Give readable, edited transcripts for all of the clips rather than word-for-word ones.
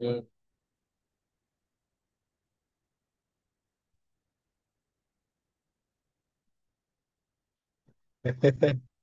مم.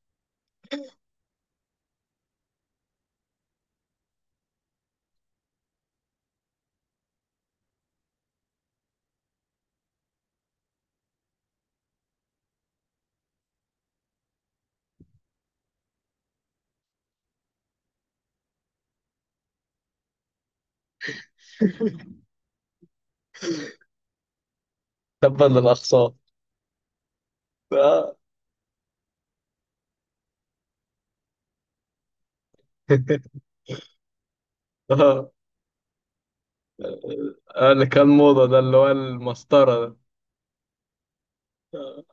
تبا للأقصى. آه. آه. آه، اللي كان موضة ده اللي هو المسطرة ده. آه.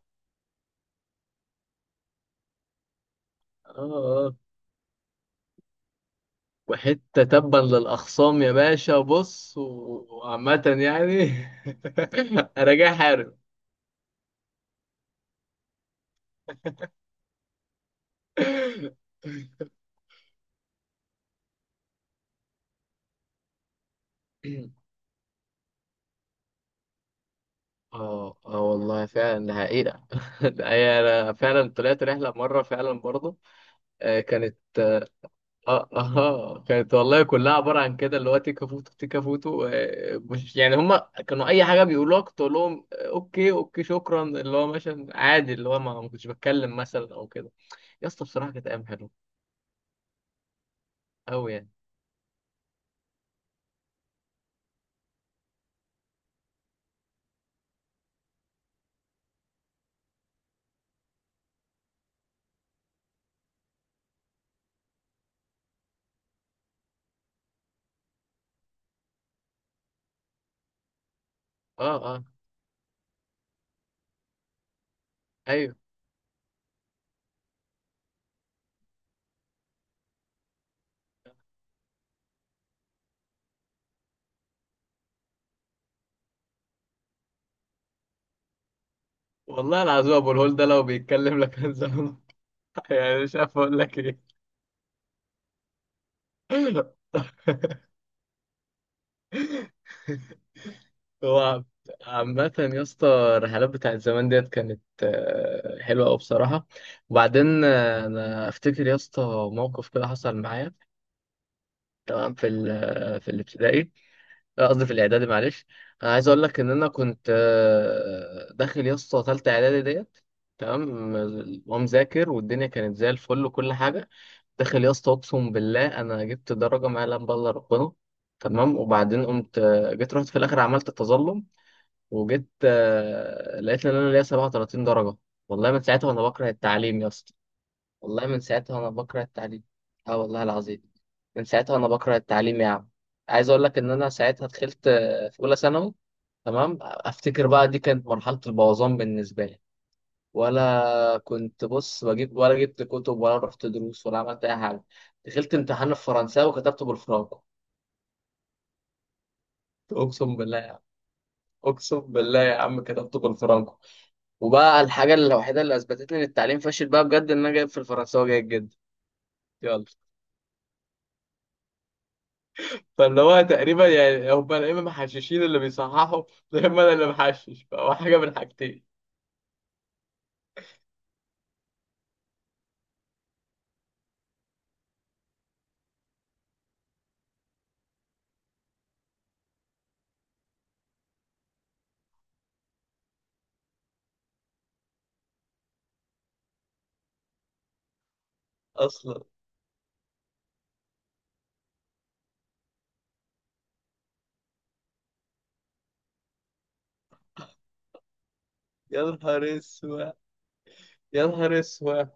آه. وحتة تبا للأخصام يا باشا، بص وعامة يعني، أنا جاي حارب. اه والله فعلا ده حقيقة. ده هي انا فعلا طلعت رحلة مرة فعلا برضه. آه، كانت، اه كانت والله كلها عباره عن كده اللي هو تيكا فوتو تيكا فوتو. آه، مش يعني هم كانوا اي حاجه بيقولوها كنت اقول لهم آه، اوكي اوكي شكرا، اللي هو مثلا عادي اللي هو ما كنتش بتكلم مثلا او كده. يا اسطى بصراحه كانت ايام حلوه قوي يعني. اه ايوه، والله العظيم ابو الهول ده لو بيتكلم لك كان زمان. يعني مش عارف اقول لك ايه. هو عامة يا اسطى الرحلات بتاعت زمان ديت كانت آه، حلوة أوي بصراحة. وبعدين آه، أنا أفتكر يا اسطى موقف كده حصل معايا، تمام؟ في ال آه، في الابتدائي، آه، قصدي في الإعدادي، معلش. أنا عايز أقول لك إن أنا كنت آه، داخل يا اسطى تالتة إعدادي ديت، تمام؟ ومذاكر والدنيا كانت زي الفل وكل حاجة. داخل يا اسطى أقسم بالله أنا جبت درجة ما يعلم بها إلا ربنا، تمام؟ وبعدين قمت آه، جيت رحت في الآخر عملت تظلم وجيت آه، لقيت ان انا ليا 37 درجه. والله من ساعتها وانا بكره التعليم يا اسطى. والله من ساعتها وانا بكره التعليم. اه والله العظيم، من ساعتها وانا بكره التعليم يا عم. عايز اقول لك ان انا ساعتها دخلت آه، في اولى ثانوي، تمام؟ افتكر بقى دي كانت مرحله البوظان بالنسبه لي. ولا كنت بص بجيب ولا جبت كتب ولا رحت دروس ولا عملت اي حاجه. دخلت امتحان الفرنساوي وكتبته بالفرانكو. اقسم بالله يا عم، اقسم بالله يا عم كتبته بالفرانكو. وبقى الحاجة الوحيدة اللي أثبتت لي إن التعليم فاشل بقى بجد، إن أنا جايب في الفرنساوي جيد جدا. يلا، فاللي هو تقريبا يعني هم يا إما محششين اللي بيصححوا، يا إما أنا اللي محشش. فهو حاجة من حاجتين. أصلا. يا نهار أسود، يا نهار أسود.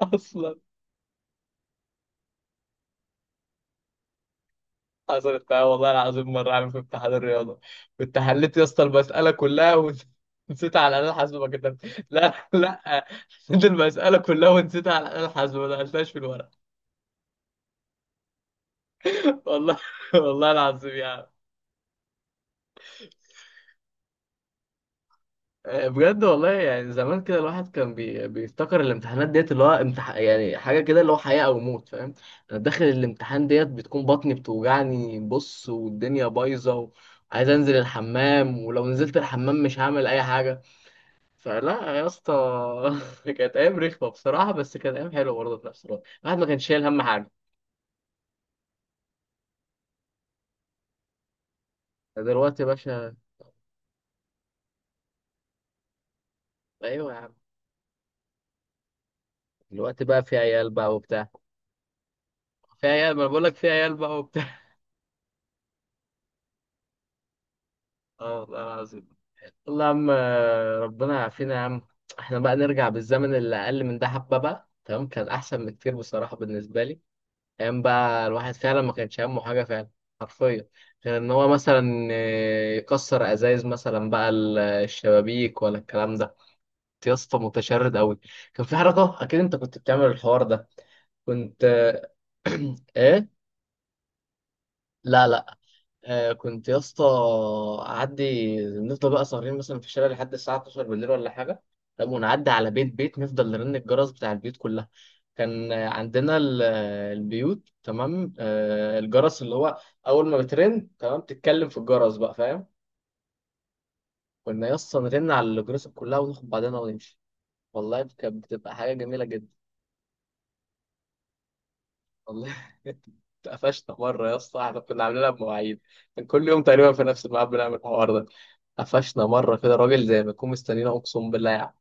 أصلا. حصلت معايا والله العظيم مرة، عامل في امتحان الرياضة، كنت حليت يا اسطى المسألة كلها ونسيت على الآلة الحاسبة ما كتبت، لا. حليت المسألة كلها ونسيت على الآلة الحاسبة ما دخلتهاش في الورق. والله، والله العظيم يعني. آه، بجد والله، يعني زمان كده الواحد كان بيفتكر الامتحانات ديت اللي هو يعني حاجة كده اللي هو حياة أو موت، فاهم؟ أنا داخل الامتحان ديت بتكون بطني بتوجعني، بص والدنيا بايظة، وعايز أنزل الحمام، ولو نزلت الحمام مش هعمل أي حاجة. فلا يا اسطى، كانت أيام رخمة بصراحة، بس كانت أيام حلوة برضه في نفس الوقت. الواحد ما كانش شايل هم حاجة. دلوقتي يا باشا. أيوه يا عم. دلوقتي بقى في عيال بقى وبتاع. في عيال، ما أنا بقول لك في عيال بقى وبتاع. اه والله العظيم. والله يا عم آه، ربنا يعافينا يا عم. احنا بقى نرجع بالزمن اللي اقل من ده حبه بقى، تمام؟ كان احسن بكتير بصراحه بالنسبه لي. ايام بقى الواحد فعلا ما كانش همه حاجه فعلا، حرفيا. غير ان هو مثلا آه، يكسر ازايز مثلا بقى الشبابيك ولا الكلام ده. كنت يا اسطى متشرد قوي. كان في حركه اكيد انت كنت بتعمل الحوار ده. كنت آه، ايه، لا، آه كنت يا اسطى اعدي، نفضل بقى سهرين مثلا في الشارع لحد الساعه 12 بالليل ولا حاجه. طب ونعدي على بيت بيت، نفضل نرن الجرس بتاع البيوت كلها. كان آه، عندنا آه، البيوت، تمام، آه الجرس اللي هو اول ما بترن تمام، تتكلم في الجرس بقى، فاهم؟ كنا يا اسطى نرن على الجرس كلها وناخد بعضنا ونمشي. والله كانت بتبقى حاجه جميله جدا. والله. اتقفشنا مرة يا اسطى، احنا كنا عاملينها بمواعيد، كان كل يوم تقريبا في نفس الميعاد بنعمل الحوار ده. قفشنا مرة كده راجل زي ما يكون مستنينا، أقسم بالله يعني.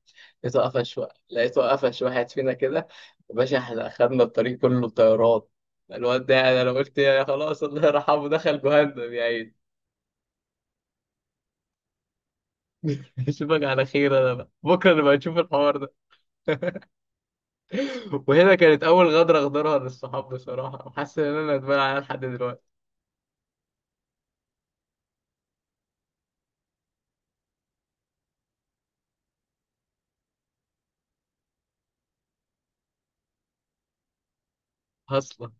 لقيته قفش لقيته قفش واحد فينا كده. يا باشا احنا أخدنا الطريق كله طيارات. الواد ده يعني أنا قلت يا خلاص الله يرحمه، دخل جهنم يا عيني. أشوفك على خير، أنا بقى بكرة نبقى نشوف الحوار ده. وهنا كانت أول غدرة أغدرها للصحاب بصراحة، وحاسس إن أنا ندمان عليها لحد دلوقتي. أصلا.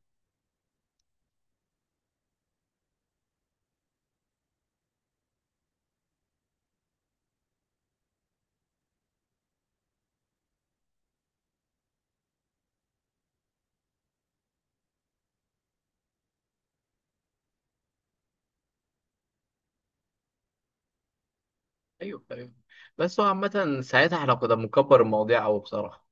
ايوه ايوه. بس هو عامة ساعتها احنا كنا بنكبر المواضيع قوي بصراحة.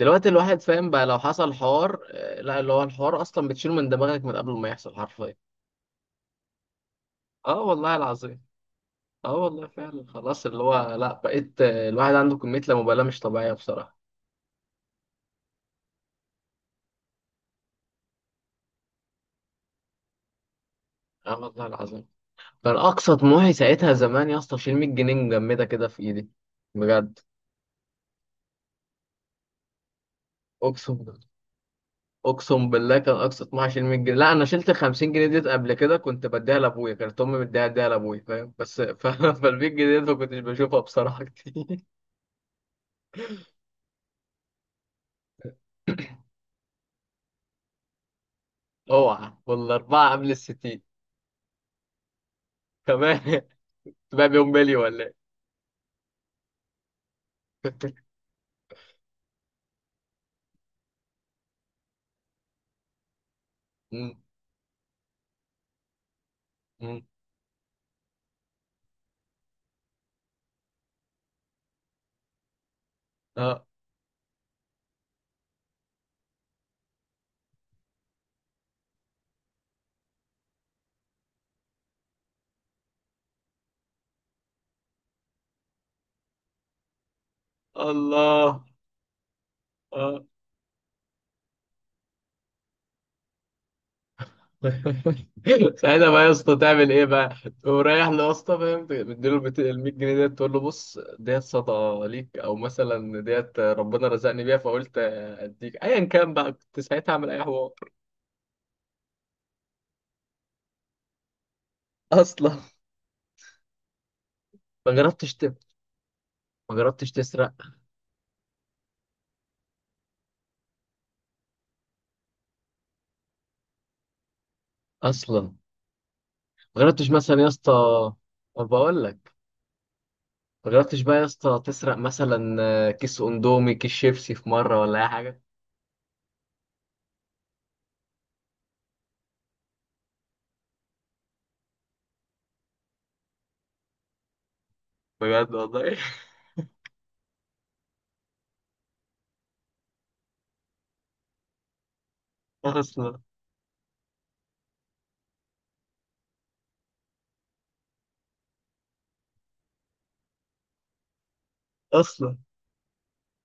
دلوقتي الواحد فاهم بقى، لو حصل حوار آه، لا اللي هو الحوار اصلا بتشيله من دماغك من قبل ما يحصل، حرفيا. اه والله العظيم. اه والله فعلا، خلاص اللي هو لا، بقيت آه، الواحد عنده كمية لا مبالاة مش طبيعية بصراحة. اه والله العظيم. كان اقصى طموحي ساعتها زمان يا اسطى اشيل 100 جنيه مجمدة كده في ايدي. بجد. اقسم بالله. اقسم بالله كان اقصى 12 100 جنيه. لا انا شلت 50 جنيه ديت قبل كده، كنت بديها لابويا، كانت امي مديها ديها لابويا، فاهم؟ بس فال 100 جنيه ديت ما كنتش بشوفها بصراحه كتير. اوعى والاربعه قبل ال 60 كمان. تبقى بيوم مالي ولا ايه. مم. مم. اه. الله. اه. ساعتها بقى يا اسطى تعمل ايه بقى؟ تقوم رايح له يا اسطى، فاهم؟ مديله ال 100 جنيه ديت، تقول له بص ديت صدقه ليك او مثلا ديت ربنا رزقني بيها فقلت اديك، ايا كان بقى كنت ساعتها اعمل اي حوار. اصلا. ما جربتش ما جربتش تسرق. اصلا. ما جربتش مثلا يا اسطى، ما بقول لك، ما جربتش بقى يا اسطى تسرق مثلا آه، كيس اندومي كيس شيبسي في مره ولا اي حاجه. بجد والله. اصلا. اصلا.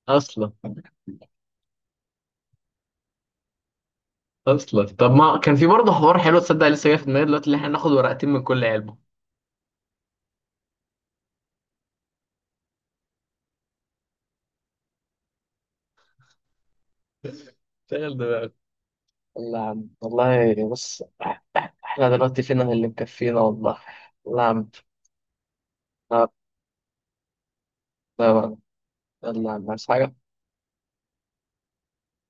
اصلا. اصلا طب ما كان في برضه حوار حلو، تصدق لسه جاي في دماغي دلوقتي، اللي احنا ناخد ورقتين من كل علبه. شغل دماغك. والله يا عم، والله بص احنا دلوقتي فينا اللي مكفينا، والله. والله يا عم. لا، لا، والله يا عم بس